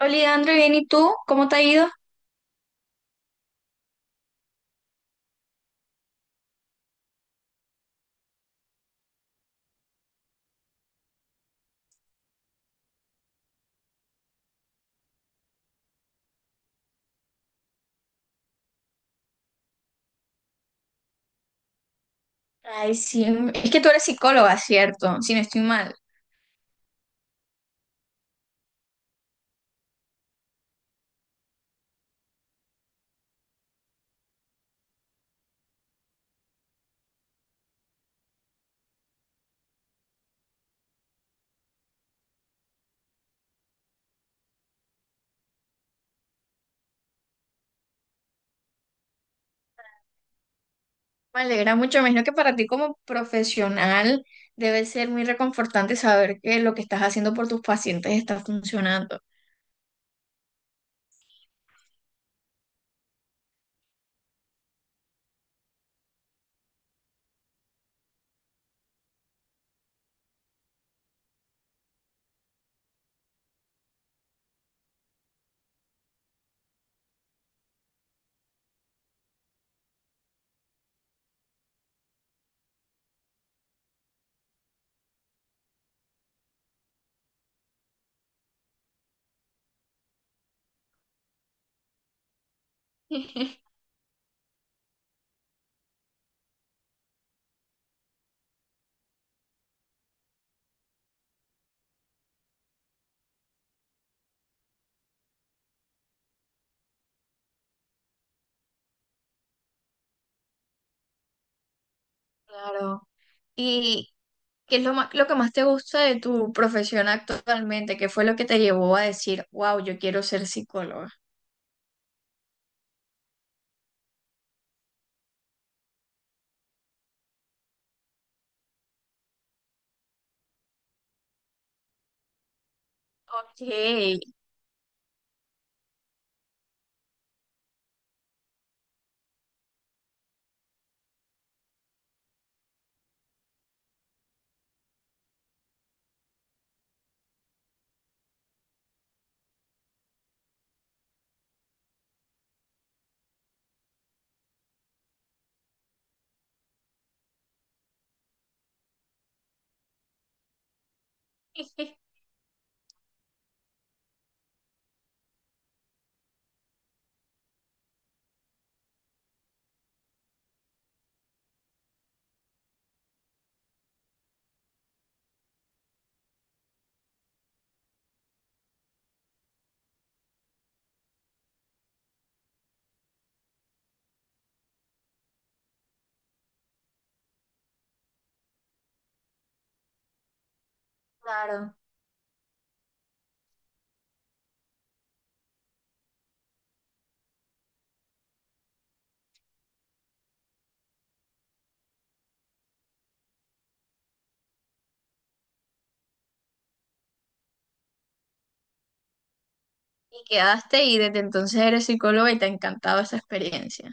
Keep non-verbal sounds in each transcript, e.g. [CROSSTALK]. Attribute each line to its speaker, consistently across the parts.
Speaker 1: Hola, Leandro, bien, ¿y tú? ¿Cómo te ha ido? Ay, sí, es que tú eres psicóloga, ¿cierto? Si no estoy mal. Me alegra mucho, me imagino que para ti como profesional debe ser muy reconfortante saber que lo que estás haciendo por tus pacientes está funcionando. [LAUGHS] Claro. ¿Y qué es lo más, lo que más te gusta de tu profesión actualmente? ¿Qué fue lo que te llevó a decir, wow, yo quiero ser psicóloga? Ok, [LAUGHS] claro. Y quedaste y desde entonces eres psicóloga y te ha encantado esa experiencia.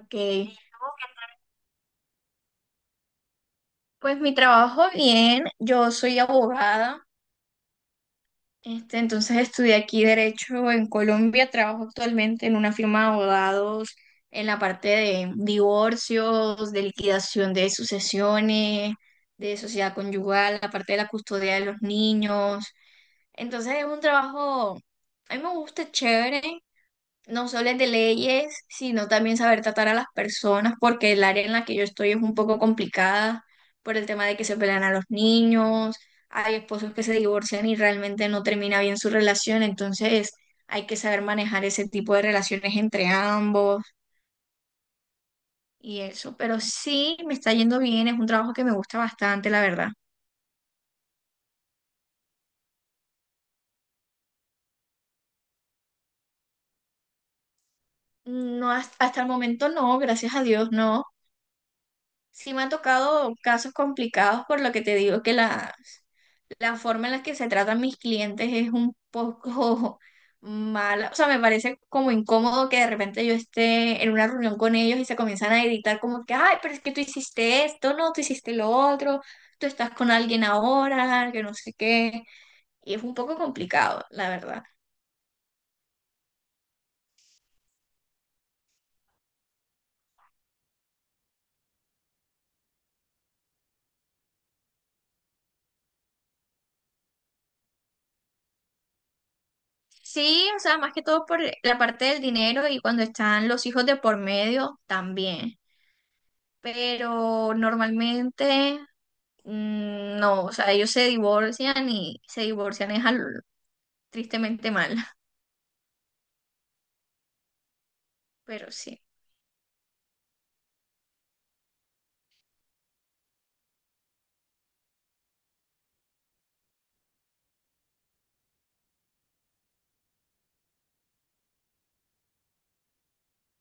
Speaker 1: Ok. Pues mi trabajo bien, yo soy abogada, este, entonces estudié aquí Derecho en Colombia, trabajo actualmente en una firma de abogados en la parte de divorcios, de liquidación de sucesiones, de sociedad conyugal, la parte de la custodia de los niños. Entonces es un trabajo, a mí me gusta, es chévere, no solo de leyes, sino también saber tratar a las personas, porque el área en la que yo estoy es un poco complicada por el tema de que se pelean a los niños, hay esposos que se divorcian y realmente no termina bien su relación, entonces hay que saber manejar ese tipo de relaciones entre ambos y eso, pero sí me está yendo bien, es un trabajo que me gusta bastante, la verdad. No, hasta el momento no, gracias a Dios no. Sí me han tocado casos complicados por lo que te digo que las la forma en la que se tratan mis clientes es un poco [LAUGHS] mala. O sea, me parece como incómodo que de repente yo esté en una reunión con ellos y se comienzan a gritar como que, ay, pero es que tú hiciste esto, no, tú hiciste lo otro, tú estás con alguien ahora, que no sé qué. Y es un poco complicado, la verdad. Sí, o sea, más que todo por la parte del dinero y cuando están los hijos de por medio también. Pero normalmente mm, no, o sea, ellos se divorcian y se divorcian es tristemente mal, [LAUGHS] pero sí,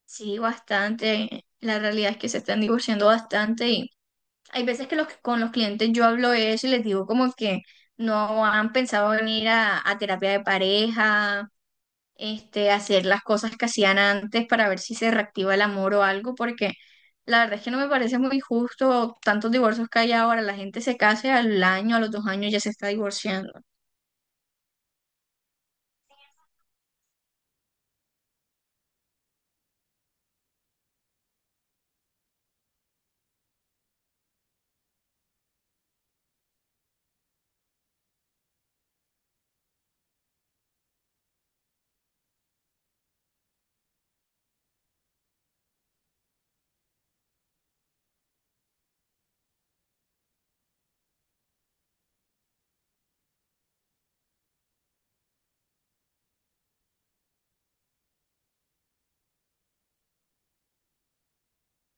Speaker 1: sí, bastante. La realidad es que se están divorciando bastante y hay veces que con los clientes yo hablo de eso y les digo como que no han pensado venir a terapia de pareja, este, hacer las cosas que hacían antes para ver si se reactiva el amor o algo, porque la verdad es que no me parece muy justo tantos divorcios que hay ahora. La gente se casa y al año, a los dos años ya se está divorciando.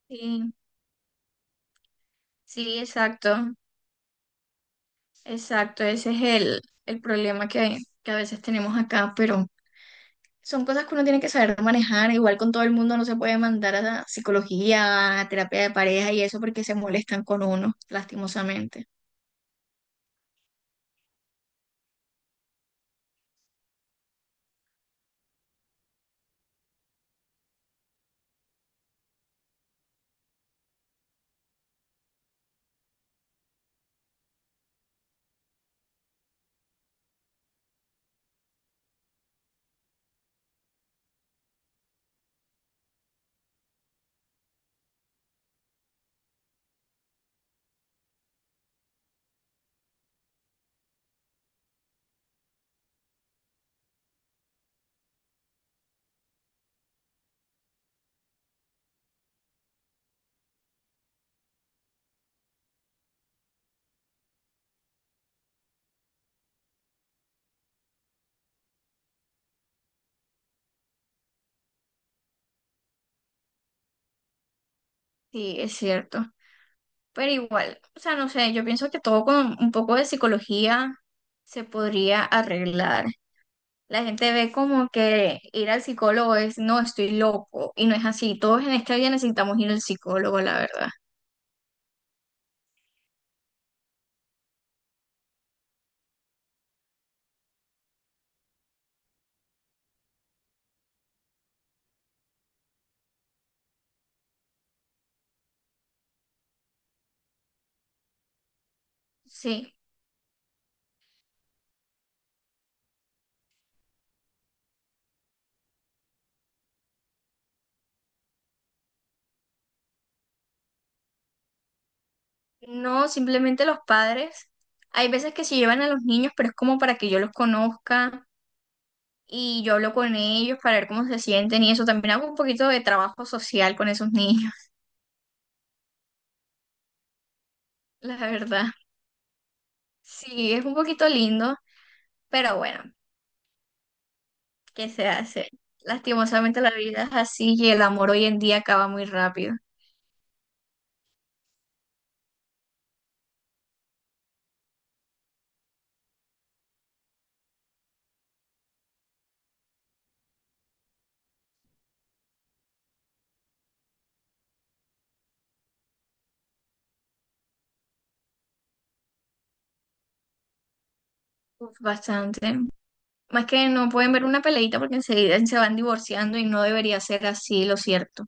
Speaker 1: Sí. Sí, exacto, exacto. Ese es el problema que a veces tenemos acá, pero son cosas que uno tiene que saber manejar. Igual con todo el mundo no se puede mandar a la psicología, a terapia de pareja y eso porque se molestan con uno, lastimosamente. Sí, es cierto. Pero igual, o sea, no sé, yo pienso que todo con un poco de psicología se podría arreglar. La gente ve como que ir al psicólogo es, no, estoy loco, y no es así. Todos en esta vida necesitamos ir al psicólogo, la verdad. Sí. No, simplemente los padres. Hay veces que se llevan a los niños, pero es como para que yo los conozca y yo hablo con ellos para ver cómo se sienten y eso. También hago un poquito de trabajo social con esos niños, [LAUGHS] la verdad. Sí, es un poquito lindo, pero bueno, ¿qué se hace? Lastimosamente la vida es así y el amor hoy en día acaba muy rápido. Uf, bastante. Más que no pueden ver una peleita porque enseguida se van divorciando y no debería ser así, lo cierto.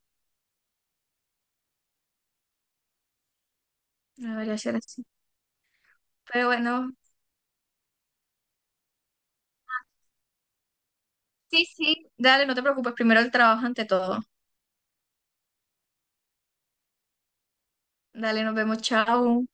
Speaker 1: No debería ser así. Pero bueno, sí, sí, dale, no te preocupes, primero el trabajo ante todo. Dale, nos vemos, chao.